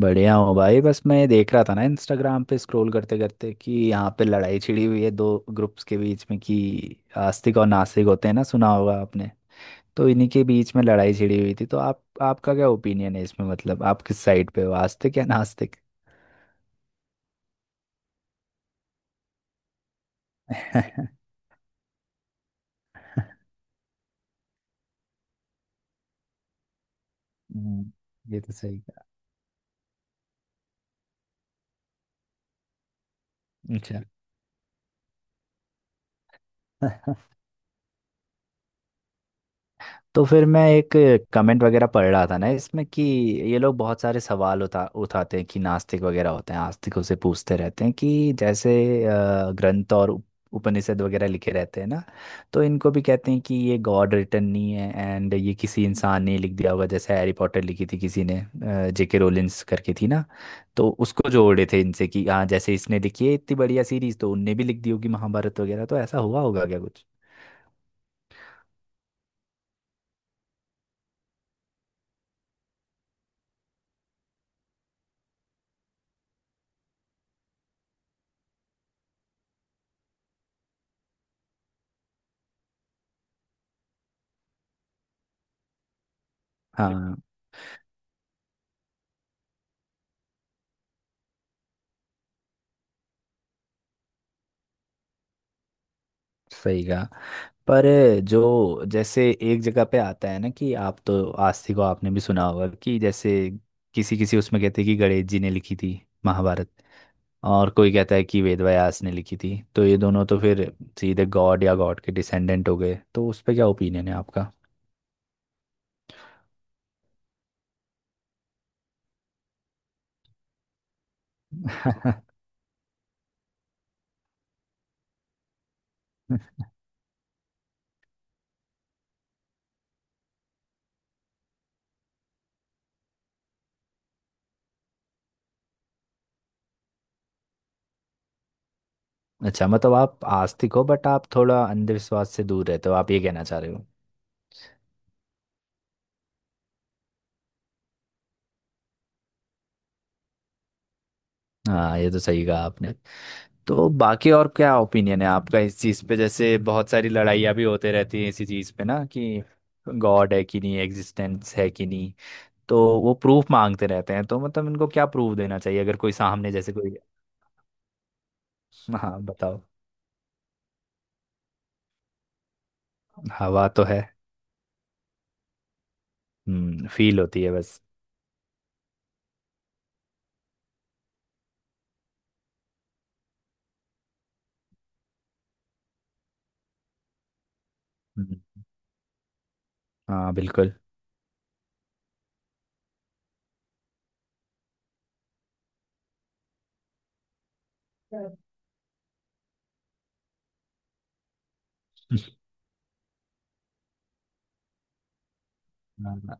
बढ़िया हूँ भाई। बस मैं ये देख रहा था ना, इंस्टाग्राम पे स्क्रॉल करते करते कि यहाँ पे लड़ाई छिड़ी हुई है दो ग्रुप्स के बीच में कि आस्तिक और नास्तिक होते हैं ना, सुना होगा आपने। तो इन्हीं के बीच में लड़ाई छिड़ी हुई थी। तो आप आपका क्या ओपिनियन है इसमें? मतलब आप किस साइड पे हो, आस्तिक या नास्तिक? हम्म, ये तो सही कहा। अच्छा। तो फिर मैं एक कमेंट वगैरह पढ़ रहा था ना इसमें कि ये लोग बहुत सारे सवाल उठा उठाते हैं। कि नास्तिक वगैरह होते हैं, आस्तिकों से पूछते रहते हैं कि जैसे ग्रंथ और उपनिषद वगैरह लिखे रहते हैं ना, तो इनको भी कहते हैं कि ये गॉड रिटन नहीं है एंड ये किसी इंसान ने लिख दिया होगा। जैसे हैरी पॉटर लिखी थी किसी ने, जेके रोलिंस करके थी ना। तो उसको जोड़े थे इनसे कि हाँ जैसे इसने लिखी है इतनी बढ़िया सीरीज, तो उनने भी लिख दी होगी महाभारत वगैरह। तो ऐसा हुआ होगा क्या कुछ? हाँ, सही कहा। पर जो जैसे एक जगह पे आता है ना कि आप तो आस्तिक, को आपने भी सुना होगा कि जैसे किसी किसी उसमें कहते हैं कि गणेश जी ने लिखी थी महाभारत, और कोई कहता है कि वेद व्यास ने लिखी थी। तो ये दोनों तो फिर सीधे गॉड या गॉड के डिसेंडेंट हो गए। तो उस पे क्या ओपिनियन है आपका? अच्छा, मतलब आप आस्तिक हो बट आप थोड़ा अंधविश्वास से दूर रहते हो, आप ये कहना चाह रहे हो। हाँ, ये तो सही कहा आपने। तो बाकी और क्या ओपिनियन है आपका इस चीज़ पे? जैसे बहुत सारी लड़ाइयाँ भी होते रहती हैं इसी चीज़ पे ना कि गॉड है कि नहीं, एग्जिस्टेंस है कि नहीं। तो वो प्रूफ मांगते रहते हैं। तो मतलब इनको क्या प्रूफ देना चाहिए अगर कोई सामने जैसे कोई। हाँ बताओ। हवा तो है। फील होती है बस। हम्म। हाँ बिल्कुल। हाँ।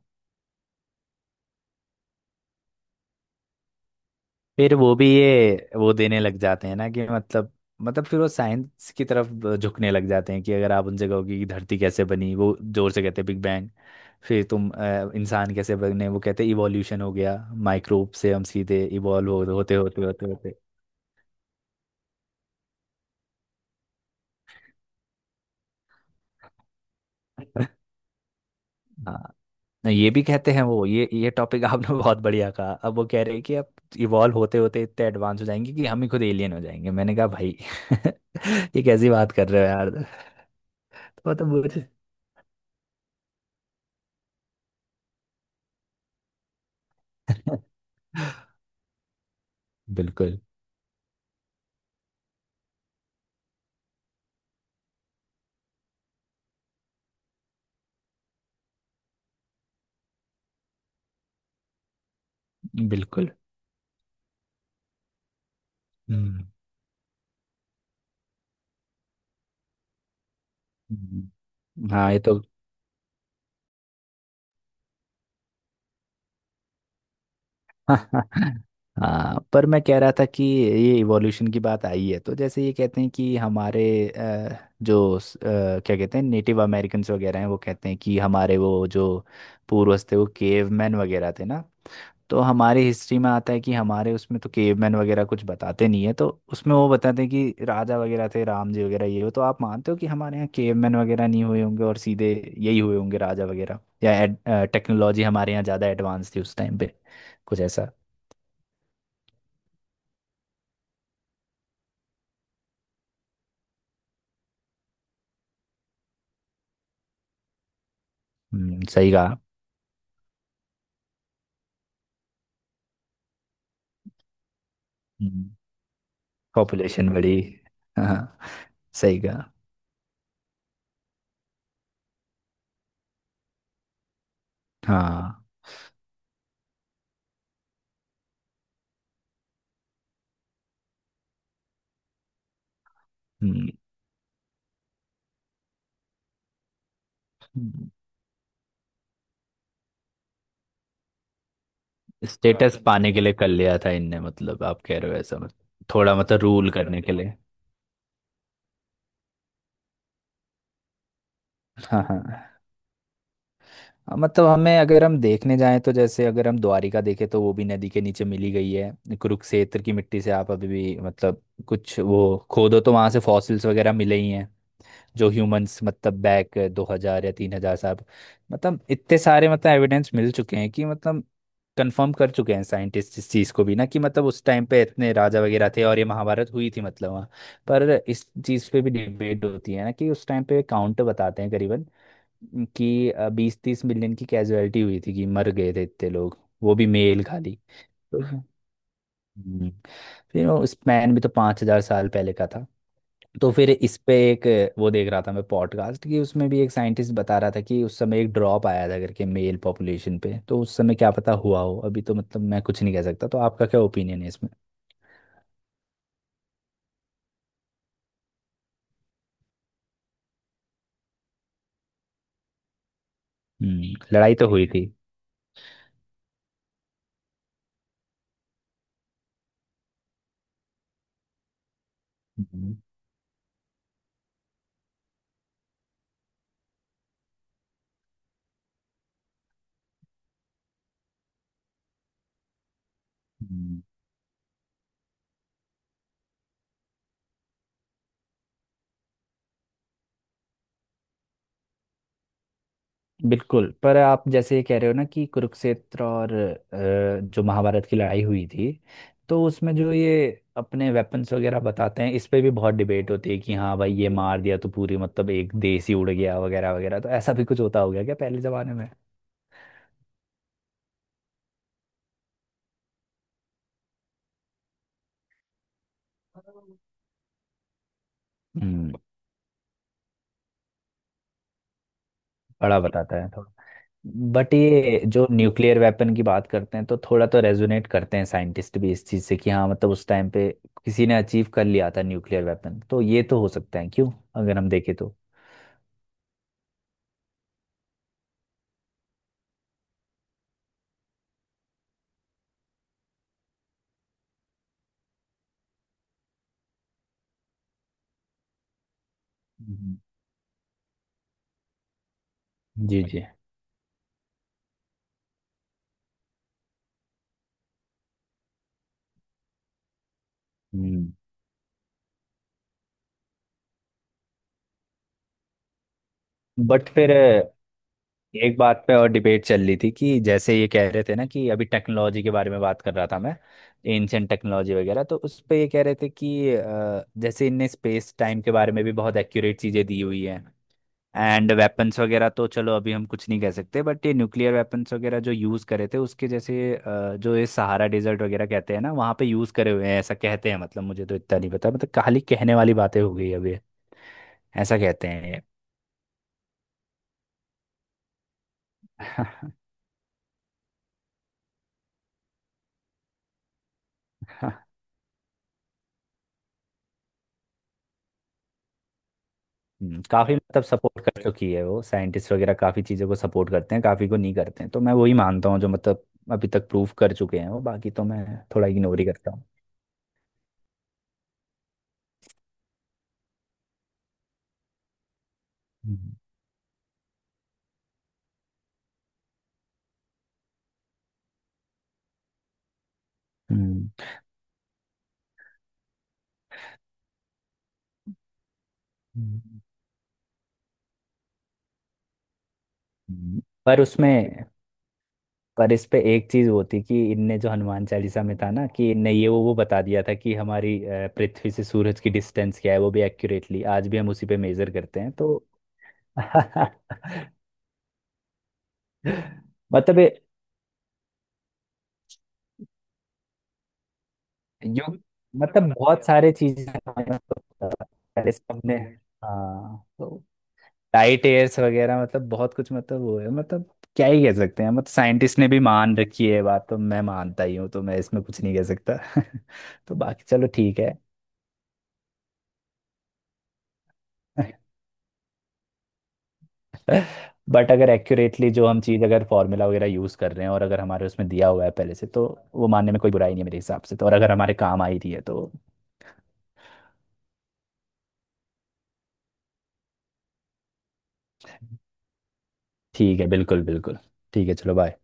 फिर वो भी ये वो देने लग जाते हैं ना कि मतलब, मतलब फिर वो साइंस की तरफ झुकने लग जाते हैं कि अगर आप उनसे कहोगे कि धरती कैसे बनी, वो जोर से कहते हैं बिग। फिर तुम इंसान कैसे बने, वो कहते हैं इवोल्यूशन हो गया। माइक्रोब से हम सीधे होते होते। हाँ, ये भी कहते हैं वो। ये टॉपिक आपने बहुत बढ़िया कहा। अब वो कह रहे हैं कि अब इवॉल्व होते होते इतने एडवांस हो जाएंगे कि हम ही खुद एलियन हो जाएंगे। मैंने कहा भाई ये कैसी बात कर रहे हो यार। तो मतलब मुझे। बिल्कुल। बिल्कुल। हम्म। हम्म। हाँ, ये तो। हाँ, पर मैं कह रहा था कि ये इवोल्यूशन की बात आई है तो जैसे ये कहते हैं कि हमारे जो क्या कहते हैं, नेटिव अमेरिकन्स वगैरह हैं, वो कहते हैं कि हमारे वो जो पूर्वज थे वो केवमैन वगैरह थे ना। तो हमारी हिस्ट्री में आता है कि हमारे उसमें तो केवमैन वगैरह कुछ बताते नहीं है। तो उसमें वो बताते हैं कि राजा वगैरह थे, राम जी वगैरह ये हो। तो आप मानते हो कि हमारे यहाँ केवमैन वगैरह नहीं हुए होंगे और सीधे यही हुए होंगे राजा वगैरह, या टेक्नोलॉजी हमारे यहाँ ज़्यादा एडवांस थी उस टाइम पे, कुछ ऐसा? सही कहा। पॉपुलेशन बड़ी। हाँ, सही कहा। हाँ। स्टेटस पाने के लिए कर लिया था इनने, मतलब आप कह रहे हो ऐसा? मतलब थोड़ा मतलब रूल करने के लिए? हाँ। हाँ। हाँ, मतलब हमें अगर हम देखने जाएं तो जैसे अगर हम द्वारिका देखें तो वो भी नदी के नीचे मिली गई है। कुरुक्षेत्र की मिट्टी से आप अभी भी मतलब कुछ वो खोदो तो वहां से फॉसिल्स वगैरह मिले ही हैं, जो ह्यूमंस मतलब बैक 2000 या 3000 साल। मतलब इतने सारे मतलब एविडेंस मिल चुके हैं कि मतलब कंफर्म कर चुके हैं साइंटिस्ट इस चीज़ को भी ना, कि मतलब उस टाइम पे इतने राजा वगैरह थे और ये महाभारत हुई थी, मतलब वहाँ। पर इस चीज़ पे भी डिबेट होती है ना कि उस टाइम पे काउंट बताते हैं करीबन कि 20-30 मिलियन की कैजुअलिटी हुई थी, कि मर गए थे इतने लोग, वो भी मेल खाली। तो- हम्म, फिर वो स्पैन भी तो 5000 साल पहले का था। तो फिर इस पे एक वो देख रहा था मैं पॉडकास्ट कि उसमें भी एक साइंटिस्ट बता रहा था कि उस समय एक ड्रॉप आया था करके मेल पॉपुलेशन पे। तो उस समय क्या पता हुआ हो, अभी तो मतलब मैं कुछ नहीं कह सकता। तो आपका क्या ओपिनियन है इसमें? हम्म, लड़ाई तो हुई थी। हम्म। हम्म। बिल्कुल, पर आप जैसे ये कह रहे हो ना कि कुरुक्षेत्र और जो महाभारत की लड़ाई हुई थी, तो उसमें जो ये अपने वेपन्स वगैरह बताते हैं, इस पे भी बहुत डिबेट होती है कि हाँ भाई ये मार दिया तो पूरी मतलब एक देश ही उड़ गया वगैरह वगैरह। तो ऐसा भी कुछ होता होगा क्या पहले जमाने में? हम्म, बड़ा बताता है थोड़ा। बट ये जो न्यूक्लियर वेपन की बात करते हैं, तो थोड़ा तो रेजोनेट करते हैं साइंटिस्ट भी इस चीज़ से कि हाँ मतलब उस टाइम पे किसी ने अचीव कर लिया था न्यूक्लियर वेपन। तो ये तो हो सकता है क्यों, अगर हम देखें तो। हम्म, जी जी। हम्म। बट फिर एक बात पे और डिबेट चल रही थी कि जैसे ये कह रहे थे ना, कि अभी टेक्नोलॉजी के बारे में बात कर रहा था मैं, एंशियंट टेक्नोलॉजी वगैरह, तो उस पे ये कह रहे थे कि जैसे इनने स्पेस टाइम के बारे में भी बहुत एक्यूरेट चीज़ें दी हुई हैं एंड वेपन्स वगैरह। तो चलो अभी हम कुछ नहीं कह सकते। बट ये न्यूक्लियर वेपन्स वगैरह जो यूज़ करे थे उसके जैसे जो ये सहारा डेजर्ट वगैरह कहते हैं ना, वहाँ पे यूज़ करे हुए हैं ऐसा कहते हैं। मतलब मुझे तो इतना नहीं पता, मतलब खाली कहने वाली बातें हो गई अभी, ऐसा कहते हैं ये। काफी मतलब सपोर्ट कर चुकी है वो। साइंटिस्ट वगैरह काफी चीजों को सपोर्ट करते हैं, काफी को नहीं करते हैं। तो मैं वही मानता हूँ जो मतलब अभी तक प्रूफ कर चुके हैं वो, बाकी तो मैं थोड़ा इग्नोर ही करता हूँ। हम्म। हम्म। हम्म। हम्म। पर उसमें, पर इस पे एक चीज होती कि इनने जो हनुमान चालीसा में था ना कि इनने ये वो बता दिया था कि हमारी पृथ्वी से सूरज की डिस्टेंस क्या है, वो भी एक्यूरेटली, आज भी हम उसी पे मेजर करते हैं तो। मतलब ये- यो, मतलब बहुत सारे चीजें हमारे पास पहले से हमने। हाँ तो टाइट एयर्स वगैरह, मतलब बहुत कुछ, मतलब वो है, मतलब क्या ही कह सकते हैं, मतलब साइंटिस्ट ने भी मान रखी है ये बात तो मैं मानता ही हूँ, तो मैं इसमें कुछ नहीं कह सकता। तो बाकी चलो ठीक है। बट अगर एक्यूरेटली जो हम चीज़ अगर फॉर्मूला वगैरह यूज़ कर रहे हैं और अगर हमारे उसमें दिया हुआ है पहले से, तो वो मानने में कोई बुराई नहीं है मेरे हिसाब से, तो। और अगर हमारे काम आई रही है तो। ठीक है, बिल्कुल बिल्कुल। ठीक है, चलो बाय।